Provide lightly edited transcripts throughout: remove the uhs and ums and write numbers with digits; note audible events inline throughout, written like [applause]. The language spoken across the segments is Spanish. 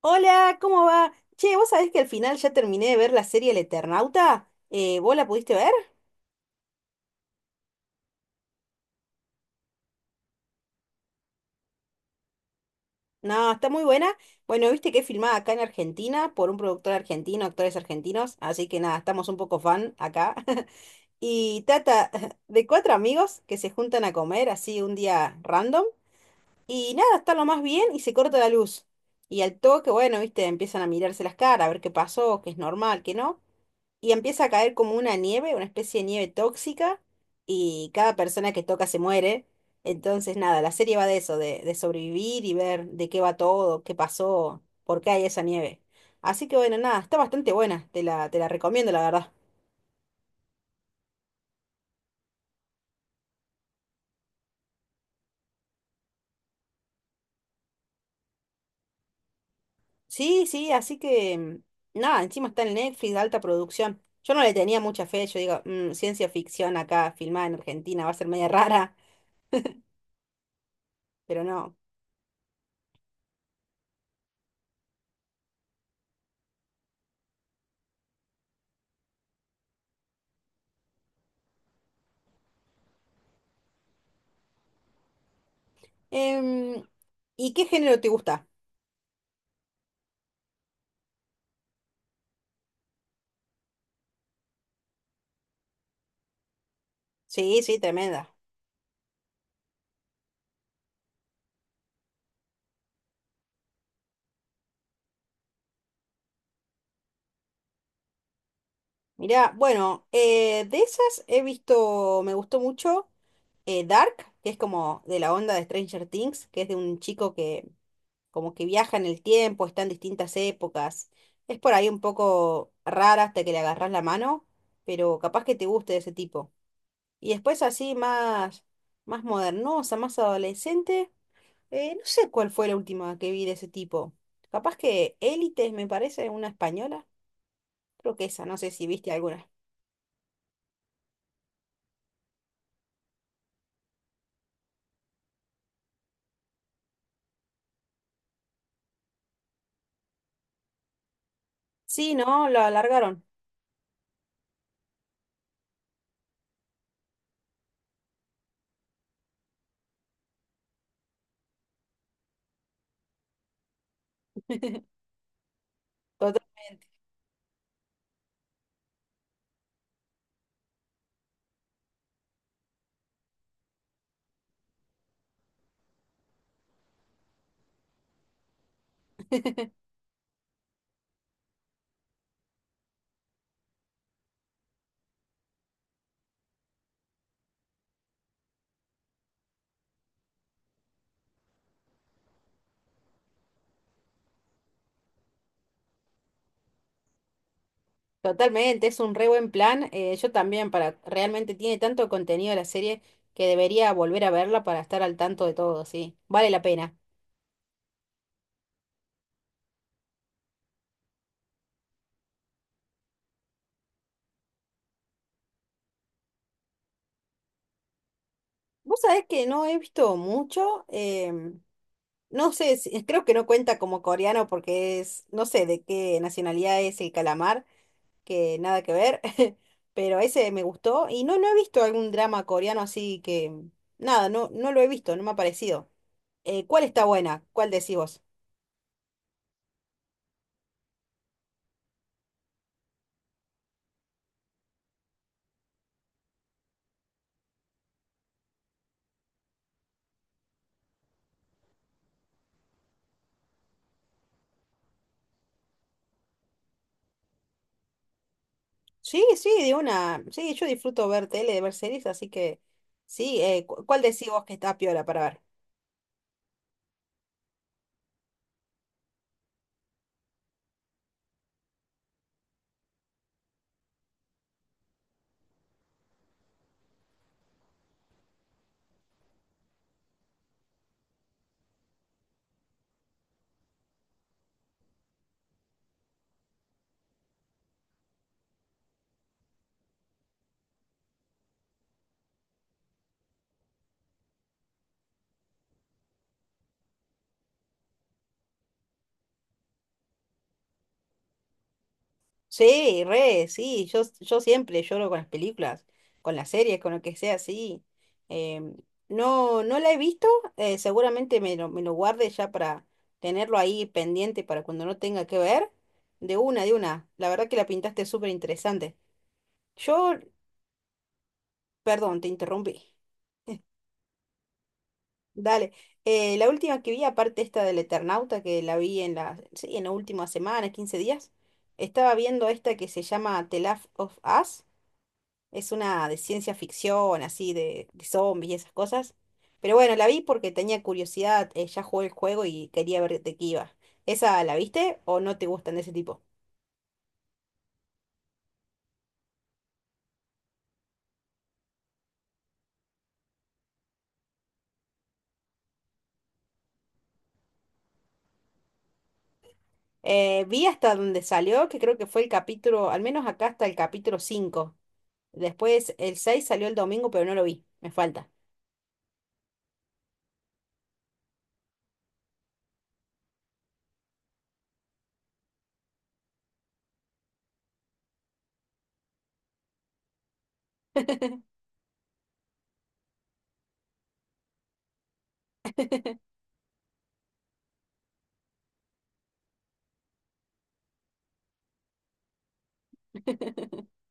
Hola, ¿cómo va? Che, ¿vos sabés que al final ya terminé de ver la serie El Eternauta? ¿Vos la pudiste ver? No, está muy buena. Bueno, viste que es filmada acá en Argentina por un productor argentino, actores argentinos, así que nada, estamos un poco fan acá. [laughs] Y trata [laughs] de cuatro amigos que se juntan a comer así un día random y nada, está lo más bien y se corta la luz. Y al toque, bueno, viste, empiezan a mirarse las caras, a ver qué pasó, qué es normal, qué no. Y empieza a caer como una nieve, una especie de nieve tóxica, y cada persona que toca se muere. Entonces, nada, la serie va de eso, de sobrevivir y ver de qué va todo, qué pasó, por qué hay esa nieve. Así que bueno, nada, está bastante buena, te la recomiendo, la verdad. Sí, sí, así que mm, nada, encima está en Netflix, de alta producción. Yo no le tenía mucha fe, yo digo, "Mm, ciencia ficción acá, filmada en Argentina, va a ser media rara, pero no." Em, ¿Y qué género te gusta? Sí, sí, tremenda. Mirá, bueno, de esas he visto, me gustó mucho Dark, que es como de la onda de Stranger Things, que es de un chico que como que viaja en el tiempo, está en distintas épocas. Es por ahí un poco rara hasta que le agarras la mano, pero capaz que te guste de ese tipo. Y después así más, más modernosa, más adolescente, no sé cuál fue la última que vi de ese tipo. Capaz que Élites, me parece, una española. Creo que esa, no sé si viste alguna. Sí, no, lo alargaron. [laughs] Totalmente, totalmente, es un re buen plan. Eh, yo también, para realmente tiene tanto contenido la serie que debería volver a verla para estar al tanto de todo, sí. Vale la pena. Vos sabés que no he visto mucho, no sé, creo que no cuenta como coreano porque es, no sé de qué nacionalidad es el calamar, que nada que ver, [laughs] pero ese me gustó y no, no he visto algún drama coreano así que, nada, no, no lo he visto, no me ha parecido. ¿Cuál está buena? ¿Cuál decís vos? Sí, sí, de una. Sí, yo disfruto ver tele, ver series, así que sí, ¿cuál decís vos que está piola para ver? Sí, re, sí, yo siempre lloro con las películas, con las series, con lo que sea, sí. Em, no, no la he visto, seguramente me lo guarde ya para tenerlo ahí pendiente para cuando no tenga que ver. De una, de una. La verdad que la pintaste súper interesante. Yo, perdón, te interrumpí. Dale. La última que vi, aparte esta del Eternauta, que la vi en la, sí, en la última semana, 15 días, estaba viendo esta que se llama The Last of Us. Es una de ciencia ficción, así, de zombies y esas cosas. Pero bueno, la vi porque tenía curiosidad, ya jugué el juego y quería ver de qué iba. ¿Esa la viste o no te gustan de ese tipo? Vi hasta donde salió, que creo que fue el capítulo, al menos acá hasta el capítulo 5. Después el 6 salió el domingo, pero no lo vi, me falta. [laughs] [laughs]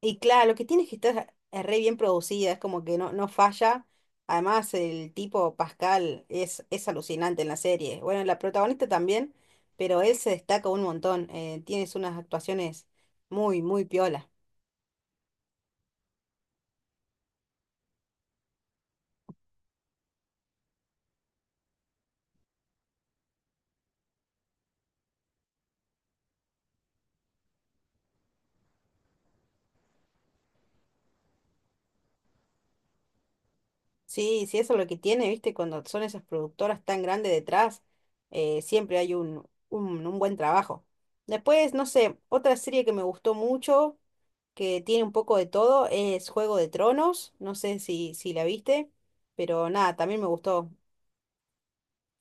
Y claro, lo que tiene es que estar re bien producida, es como que no, no falla. Además, el tipo Pascal es alucinante en la serie. Bueno, la protagonista también, pero él se destaca un montón. Eh, tienes unas actuaciones muy, muy piola. Sí, sí, eso es lo que tiene, ¿viste? Cuando son esas productoras tan grandes detrás, siempre hay un buen trabajo. Después, no sé, otra serie que me gustó mucho. Que tiene un poco de todo, es Juego de Tronos, no sé si la viste, pero nada, también me gustó.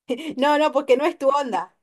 [laughs] No, no, porque no es tu onda.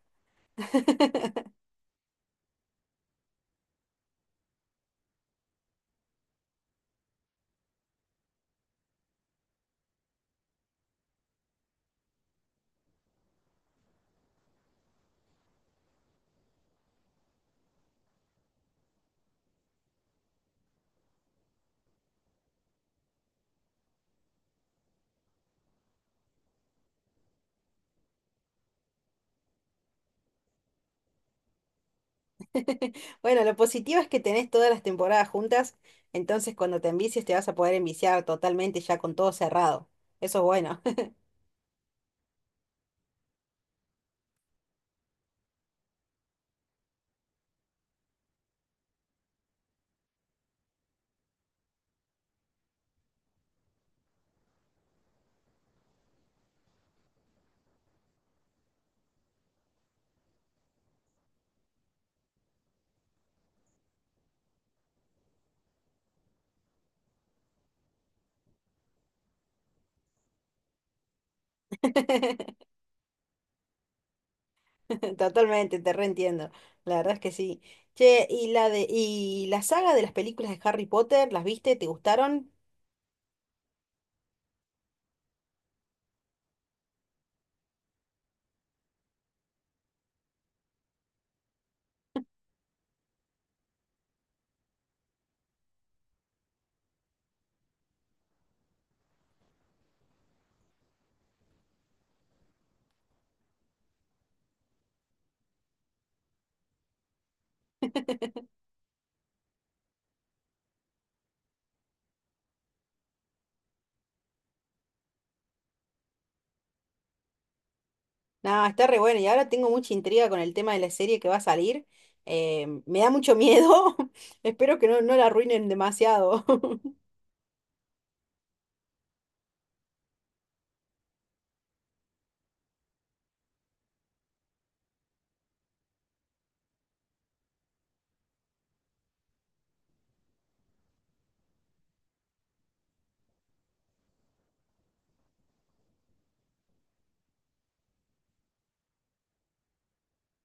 [laughs] Bueno, lo positivo es que tenés todas las temporadas juntas, entonces cuando te envicies te vas a poder enviciar totalmente ya con todo cerrado. Eso es bueno. [laughs] Totalmente, te reentiendo. La verdad es que sí. Che, y la saga de las películas de Harry Potter, ¿las viste? ¿Te gustaron? No, está re bueno. Y ahora tengo mucha intriga con el tema de la serie que va a salir. Me da mucho miedo. [laughs] Espero que no, no la arruinen demasiado. [laughs]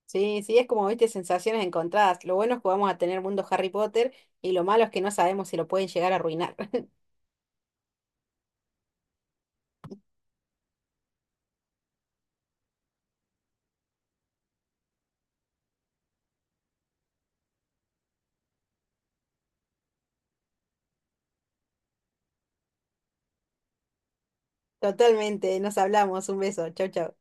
Sí, sí, es como, viste, sensaciones encontradas. Lo bueno es que vamos a tener mundo Harry Potter y lo malo es que no sabemos si lo pueden llegar a arruinar. [laughs] Totalmente, nos hablamos. Un beso. Chau, chau.